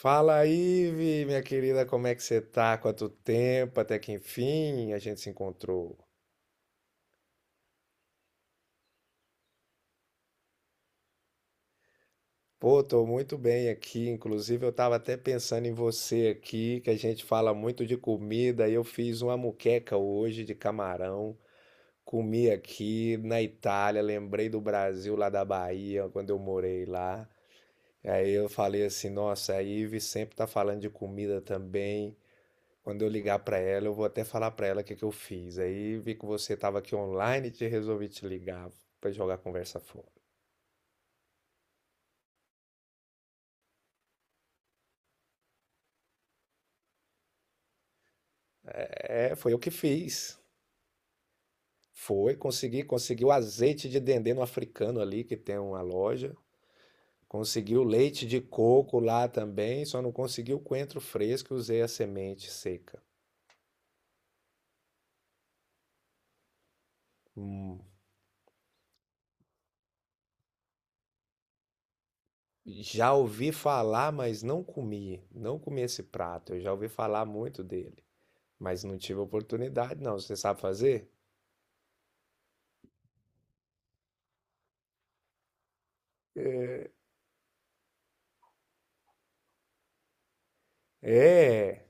Fala aí, Vi, minha querida, como é que você tá? Quanto tempo, até que enfim a gente se encontrou. Pô, tô muito bem aqui, inclusive eu tava até pensando em você aqui, que a gente fala muito de comida, e eu fiz uma muqueca hoje de camarão, comi aqui na Itália, lembrei do Brasil lá da Bahia, quando eu morei lá. Aí eu falei assim, nossa, a Ive sempre tá falando de comida também. Quando eu ligar para ela, eu vou até falar para ela o que que eu fiz. Aí vi que você estava aqui online, e te resolvi te ligar para jogar a conversa fora. É, foi eu que fiz. Foi, consegui o azeite de dendê no africano ali, que tem uma loja. Consegui o leite de coco lá também, só não consegui o coentro fresco, usei a semente seca. Hum. Já ouvi falar, mas não comi. Não comi esse prato. Eu já ouvi falar muito dele, mas não tive oportunidade, não. Você sabe fazer? É.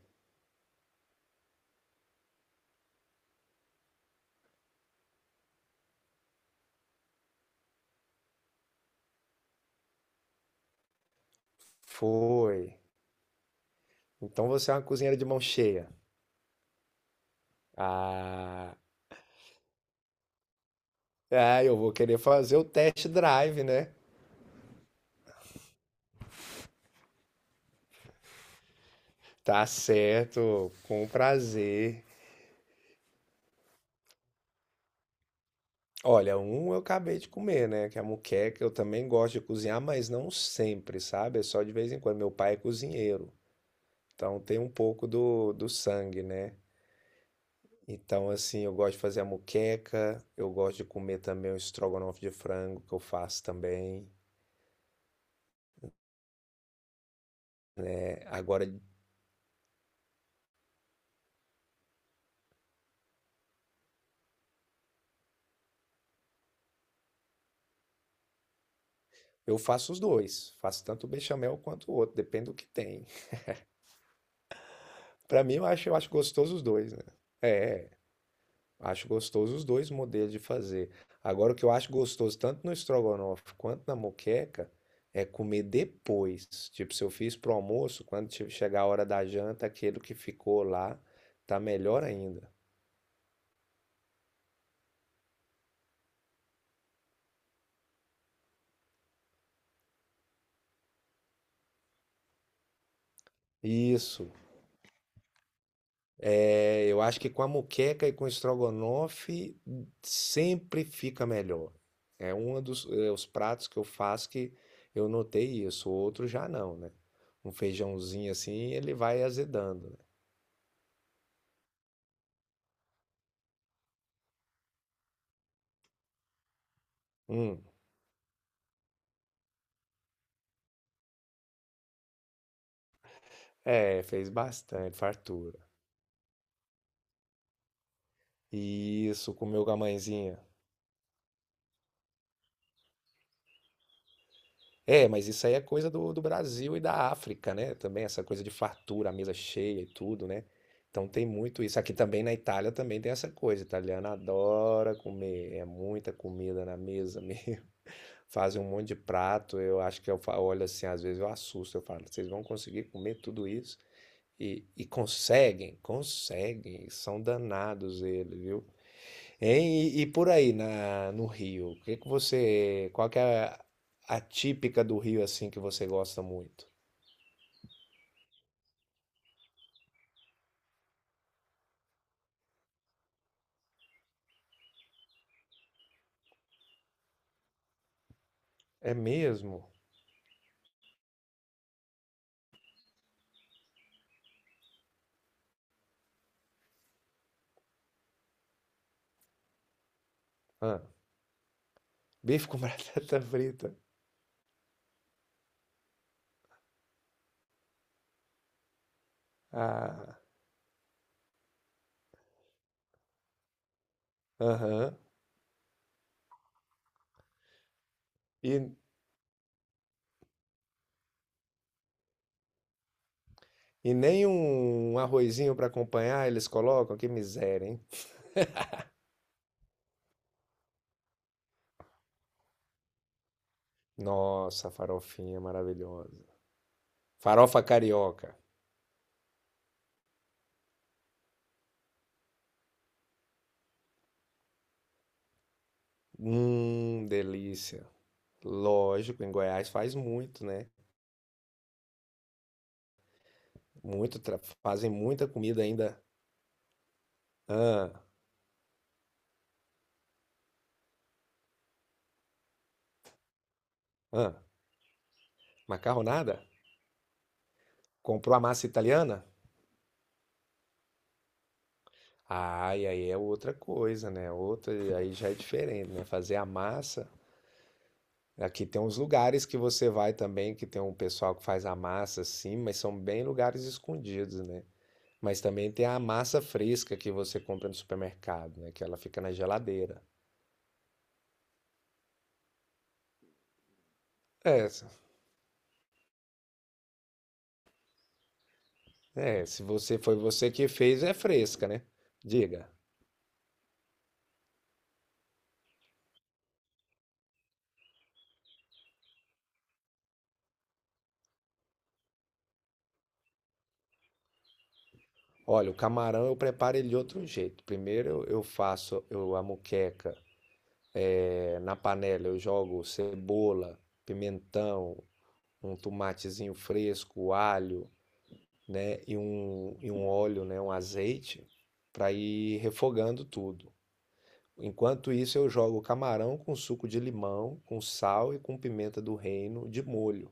Foi. Então você é uma cozinheira de mão cheia. Ah, eu vou querer fazer o test drive, né? Tá certo, com prazer. Olha, um eu acabei de comer, né? Que é a moqueca. Eu também gosto de cozinhar, mas não sempre, sabe? É só de vez em quando. Meu pai é cozinheiro, então tem um pouco do sangue, né? Então, assim, eu gosto de fazer a moqueca, eu gosto de comer também o estrogonofe de frango que eu faço também. É, Agora, Eu faço os dois. Faço tanto o bechamel quanto o outro, depende do que tem. Pra mim, eu acho gostoso os dois, né? É, é, acho gostoso os dois modelos de fazer. Agora, o que eu acho gostoso, tanto no estrogonofe quanto na moqueca, é comer depois. Tipo, se eu fiz pro almoço, quando chegar a hora da janta, aquele que ficou lá tá melhor ainda. Isso. É, eu acho que com a moqueca e com o estrogonofe sempre fica melhor. Os pratos que eu faço que eu notei isso, o outro já não, né? Um feijãozinho assim, ele vai azedando, né? Hum, é, fez bastante, fartura. E isso, comeu com a mãezinha. É, mas isso aí é coisa do Brasil e da África, né? Também essa coisa de fartura, a mesa cheia e tudo, né? Então tem muito isso. Aqui também na Itália também tem essa coisa. Italiano adora comer, é muita comida na mesa mesmo. Fazem um monte de prato. Eu acho que olho assim, às vezes eu assusto. Eu falo, vocês vão conseguir comer tudo isso? Conseguem. São danados eles, viu? Hein? E por aí no Rio, o que que você, qual que é a típica do Rio assim que você gosta muito? É mesmo? Ah, bife com batata frita. Ah, aham. E, e nem um arrozinho para acompanhar eles colocam? Que miséria, hein? Nossa, farofinha maravilhosa. Farofa carioca. Delícia. Lógico, em Goiás faz muito, né? Muito, fazem muita comida ainda. Ah, ah. Macarronada? Comprou a massa italiana? Ai, aí é outra coisa, né? Outra, aí já é diferente, né? Fazer a massa. Aqui tem uns lugares que você vai também, que tem um pessoal que faz a massa assim, mas são bem lugares escondidos, né? Mas também tem a massa fresca que você compra no supermercado, né? Que ela fica na geladeira. É, se- se você foi você que fez, é fresca, né? Diga. Olha, o camarão eu preparo ele de outro jeito. Primeiro eu faço a muqueca. É. Na panela eu jogo cebola, pimentão, um tomatezinho fresco, alho, né, e um óleo, né, um azeite, para ir refogando tudo. Enquanto isso, eu jogo o camarão com suco de limão, com sal e com pimenta do reino de molho.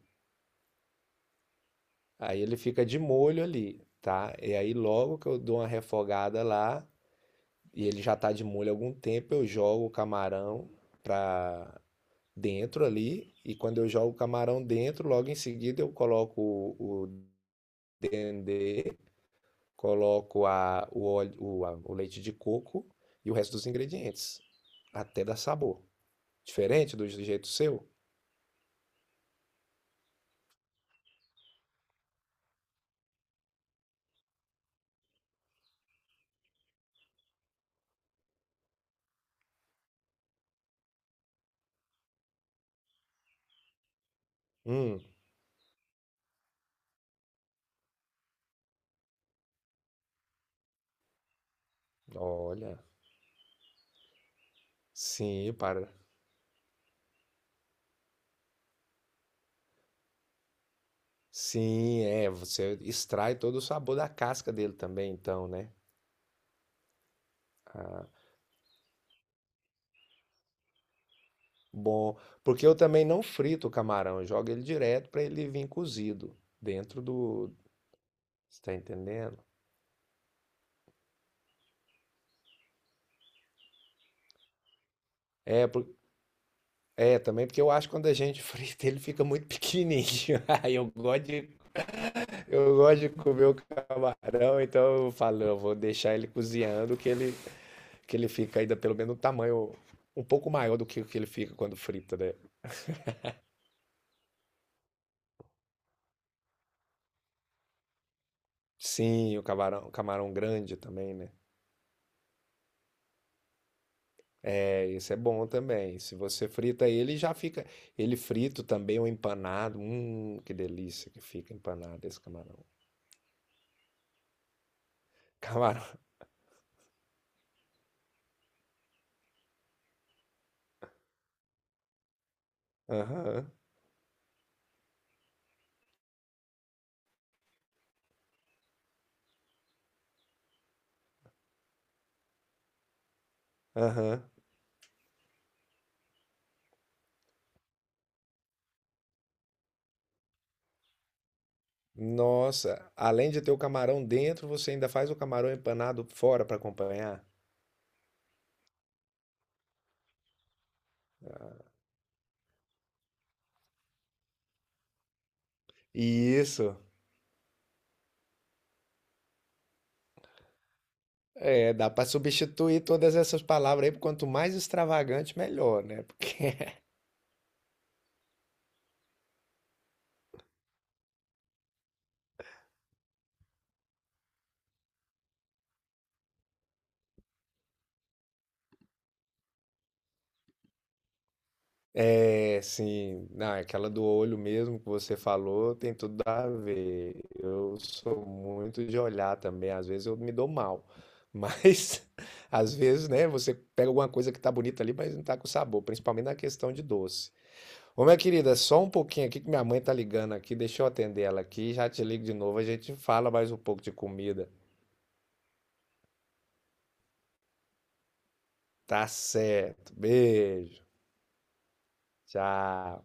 Aí ele fica de molho ali, tá? E aí logo que eu dou uma refogada lá, e ele já tá de molho há algum tempo, eu jogo o camarão para dentro ali, e quando eu jogo o camarão dentro, logo em seguida eu coloco o dendê, coloco a, o, óleo, o, a- o leite de coco e o resto dos ingredientes, até dar sabor. Diferente do jeito seu? Hum, olha, sim, para. Sim, é, você extrai todo o sabor da casca dele também, então, né? Ah, bom, porque eu também não frito o camarão, eu jogo ele direto para ele vir cozido dentro do, você tá entendendo? É, por- É, também porque eu acho que quando a gente frita, ele fica muito pequenininho. Aí eu gosto de comer o camarão, então eu falo, eu vou deixar ele cozinhando, que ele fica ainda pelo menos um tamanho um pouco maior do que o que ele fica quando frita, né? Sim, o camarão grande também, né? É, esse é bom também. Se você frita ele, já fica. Ele frito também, ou empanado. Que delícia que fica empanado esse camarão. Camarão. Aham, aham. Nossa, além de ter o camarão dentro, você ainda faz o camarão empanado fora para acompanhar? Isso. É, dá para substituir todas essas palavras aí, por quanto mais extravagante, melhor, né? Porque é, sim, não, é aquela do olho mesmo que você falou tem tudo a ver. Eu sou muito de olhar também, às vezes eu me dou mal. Mas às vezes, né, você pega alguma coisa que tá bonita ali, mas não tá com sabor, principalmente na questão de doce. Ô, minha querida, é só um pouquinho aqui que minha mãe tá ligando aqui. Deixa eu atender ela aqui. Já te ligo de novo. A gente fala mais um pouco de comida. Tá certo. Beijo. Tchau.